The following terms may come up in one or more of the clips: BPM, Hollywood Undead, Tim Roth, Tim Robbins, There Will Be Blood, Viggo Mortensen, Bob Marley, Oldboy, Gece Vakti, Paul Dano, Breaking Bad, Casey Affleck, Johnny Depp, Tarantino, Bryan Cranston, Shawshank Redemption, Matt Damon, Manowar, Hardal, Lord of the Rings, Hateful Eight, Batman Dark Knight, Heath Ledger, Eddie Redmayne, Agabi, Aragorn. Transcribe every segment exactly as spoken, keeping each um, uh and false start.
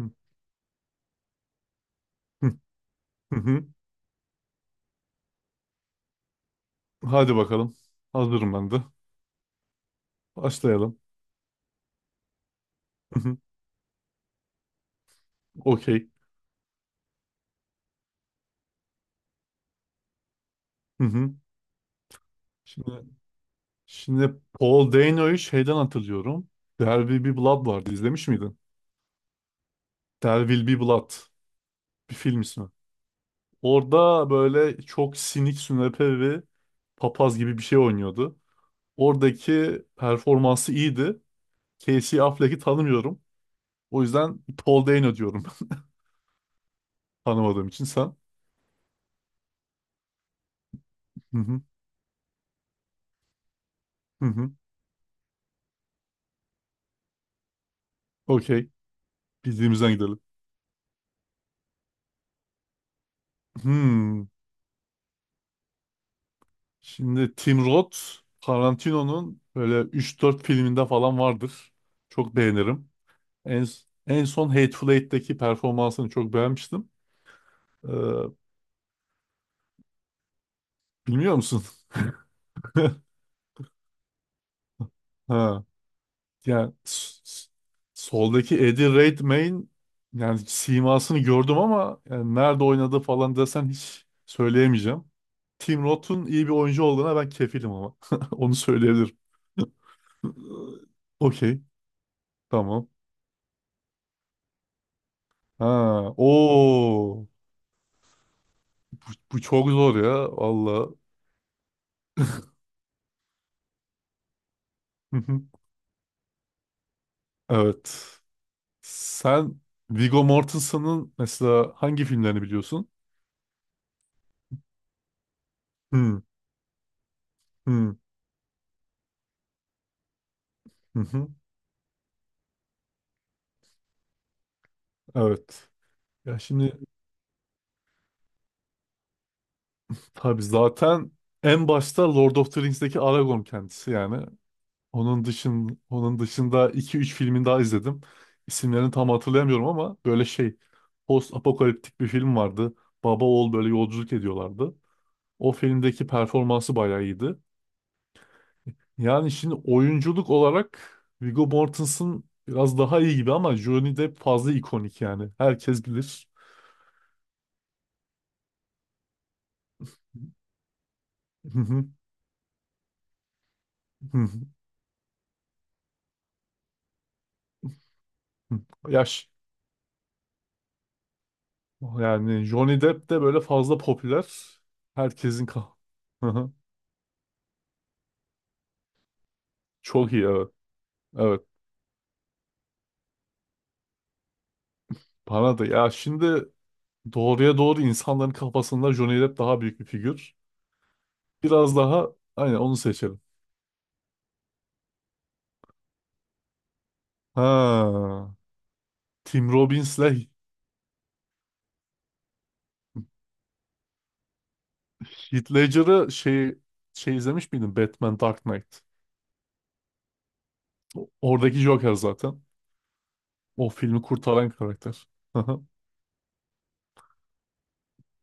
Hı hı, hı hı. Hadi bakalım. Hazırım ben de. Başlayalım. Hı hı. Okey. Hı hı. Şimdi şimdi Paul Dano'yu şeyden hatırlıyorum. There Will Be Blood vardı. İzlemiş miydin? There Will Be Blood. Bir film ismi. Orada böyle çok sinik sünepe ve papaz gibi bir şey oynuyordu. Oradaki performansı iyiydi. Casey Affleck'i tanımıyorum. O yüzden Paul Dano diyorum. Tanımadığım için sen. Hı hı. Hı hı. Okey. Bildiğimizden gidelim. Hmm. Şimdi Tim Roth Tarantino'nun böyle üç dört filminde falan vardır. Çok beğenirim. En, en son Hateful Eight'teki performansını çok beğenmiştim. Ee, bilmiyor musun? Ha. Yani s- s- soldaki Eddie Redmayne, yani simasını gördüm ama yani nerede oynadı falan desen hiç söyleyemeyeceğim. Tim Roth'un iyi bir oyuncu olduğuna ben kefilim ama. Onu söyleyebilirim. Okey. Tamam. Ha, o Bu, bu çok zor ya valla. Hı hı. Evet. Sen Viggo Mortensen'ın mesela hangi filmlerini biliyorsun? Hı hı, hı hı. Evet. Ya şimdi tabii zaten en başta Lord of the Rings'teki Aragorn kendisi yani. Onun dışın onun dışında iki üç filmin daha izledim. İsimlerini tam hatırlayamıyorum ama böyle şey, post apokaliptik bir film vardı. Baba oğul böyle yolculuk ediyorlardı. O filmdeki performansı bayağı iyiydi. Yani şimdi oyunculuk olarak Viggo Mortensen biraz daha iyi gibi ama Johnny Depp fazla ikonik yani. Herkes bilir. Hı hı, hı hı, hı. Yaş. Yani Johnny Depp de böyle fazla popüler. Herkesin ka- Hı hı. Çok iyi, evet. Evet. Bana da. Ya şimdi doğruya doğru insanların kafasında Johnny Depp daha büyük bir figür. Biraz daha, aynen, onu seçelim. Ha. Tim Robbins'le Heath Ledger'ı şey, şey izlemiş miydin? Batman Dark Knight. Oradaki Joker zaten. O filmi kurtaran karakter. Aha.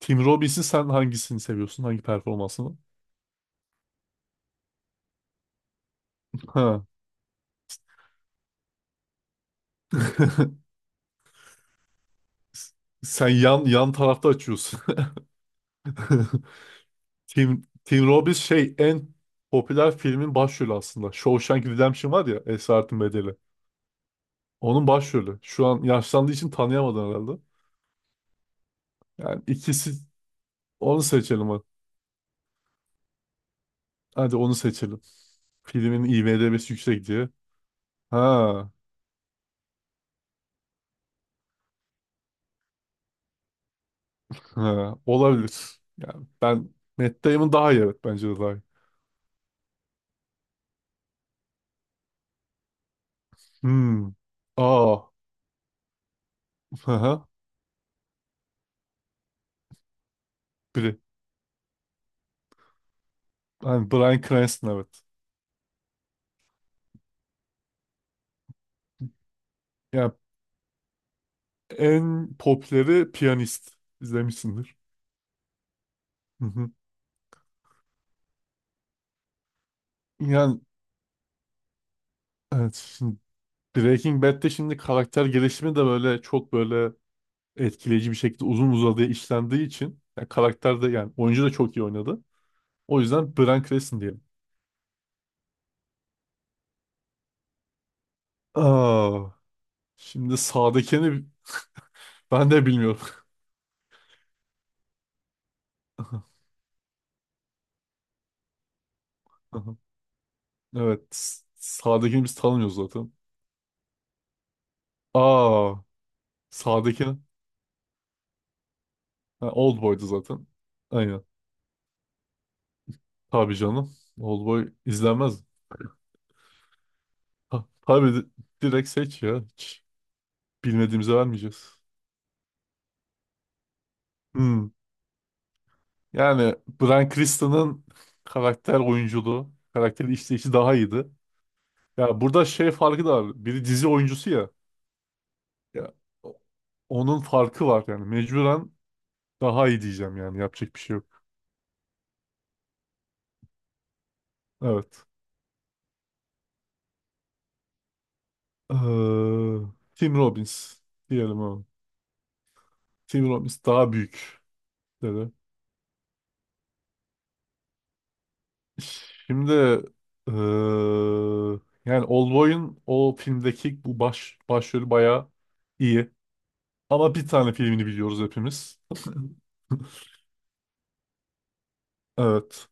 Tim Robbins'in sen hangisini seviyorsun? Hangi performansını? Ha. Sen yan yan tarafta açıyorsun. Tim, Tim Robbins şey en popüler filmin başrolü aslında. Shawshank Redemption var ya, Esaretin Bedeli. Onun başrolü. Şu an yaşlandığı için tanıyamadın herhalde. Yani ikisi onu seçelim hadi. Hadi onu seçelim. Filmin i m d b'si yüksek diye. Ha. Ha, olabilir. Yani ben Matt Damon daha iyi, evet, bence de daha iyi. Hmm. Aa. Aha. Biri. Yani Bryan Cranston, evet. Yani en popüleri piyanist. İzlemişsindir. Hı hı. Yani evet, şimdi Breaking Bad'de şimdi karakter gelişimi de böyle çok böyle etkileyici bir şekilde uzun uzadıya işlendiği için yani karakter de yani oyuncu da çok iyi oynadı. O yüzden Bryan Cranston diyelim. Aa. Şimdi sağdakini ben de bilmiyorum. Evet. s- Sağdakini biz tanımıyoruz zaten. Aa, sağdaki ha, Old boydu zaten. Aynen. Tabii canım, old boy izlenmez. Ha, tabii, di- direkt seç ya. Hiç bilmediğimize vermeyeceğiz. Hmm. Yani Bryan Cranston'ın karakter oyunculuğu, karakter işleyişi daha iyiydi. Ya burada şey farkı da var. Biri dizi oyuncusu ya. Ya o- onun farkı var yani. Mecburen daha iyi diyeceğim yani. Yapacak bir şey yok. Evet. Eee, Tim Robbins diyelim ama. Tim Robbins daha büyük dedi. Şimdi eee, yani Oldboy'un o filmdeki bu baş başrolü bayağı iyi. Ama bir tane filmini biliyoruz hepimiz. Evet.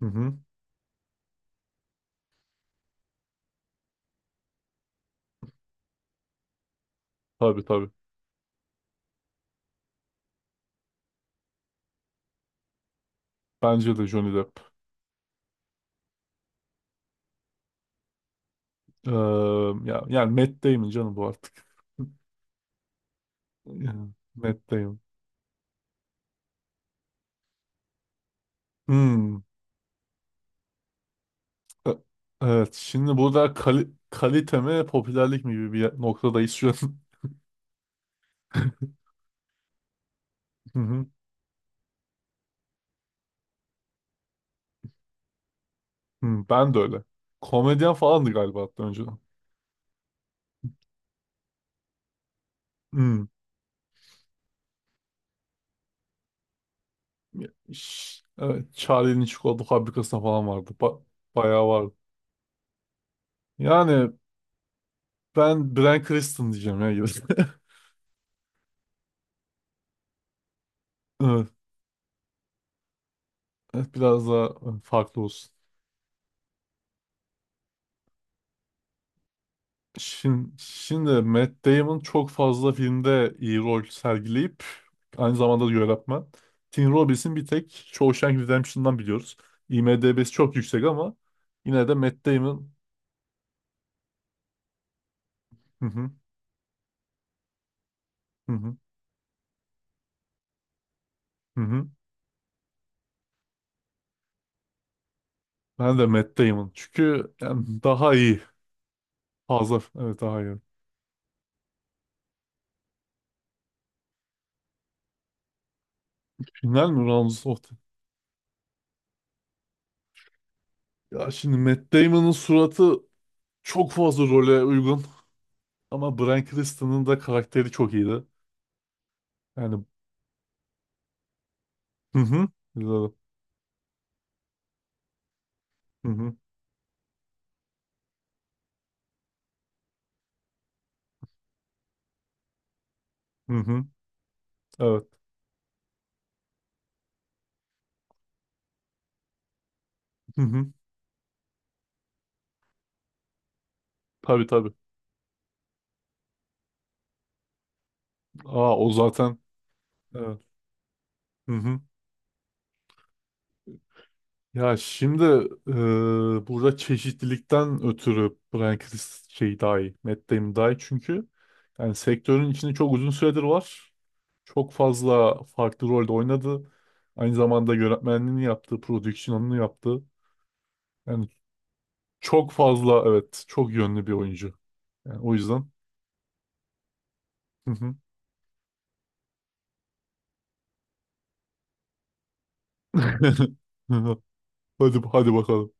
Hı hı. Tabii tabii. Bence de Johnny Depp. Eee, ya, yani Matt Damon canım bu artık. Yani Matt Damon. Hmm. E- Evet. Şimdi burada kali- kalite mi popülerlik mi gibi bir noktadayız şu an. Hı hı. Hı, ben de öyle. Komedyen falandı galiba hatta önceden. Hı. Ş- Evet, Charlie'nin çikolata fabrikasında falan vardı. Ba- bayağı vardı. Yani ben Bryan Cranston diyeceğim ya. Evet, evet, biraz daha, evet, farklı olsun. Şimdi, şimdi Matt Damon çok fazla filmde iyi rol sergileyip aynı zamanda da yönetmen. Tim Robbins'in bir tek Shawshank Redemption'dan biliyoruz. i m d b'si çok yüksek ama yine de Matt Damon. Hı hı, hı hı, hı hı. Ben de Matt Damon. Çünkü yani daha iyi. Fazla. Evet, daha iyi. Final mi? Rounds of the- Ya şimdi Matt Damon'ın suratı çok fazla role uygun. Ama Bryan Cranston'ın da karakteri çok iyiydi. Yani hı hı. Güzel. Hı hı. Hı hı. Evet. Hı hı. Tabii tabii. Aa, o zaten. Evet. Hı hı. Ya şimdi e, burada çeşitlilikten ötürü Bryan Chris şey daha iyi. Matt Damon daha iyi çünkü yani sektörün içinde çok uzun süredir var. Çok fazla farklı rolde oynadı. Aynı zamanda yönetmenliğini yaptı, prodüksiyonunu yaptı. Yani çok fazla, evet, çok yönlü bir oyuncu. Yani o yüzden. Hı hı. Hadi hadi bakalım.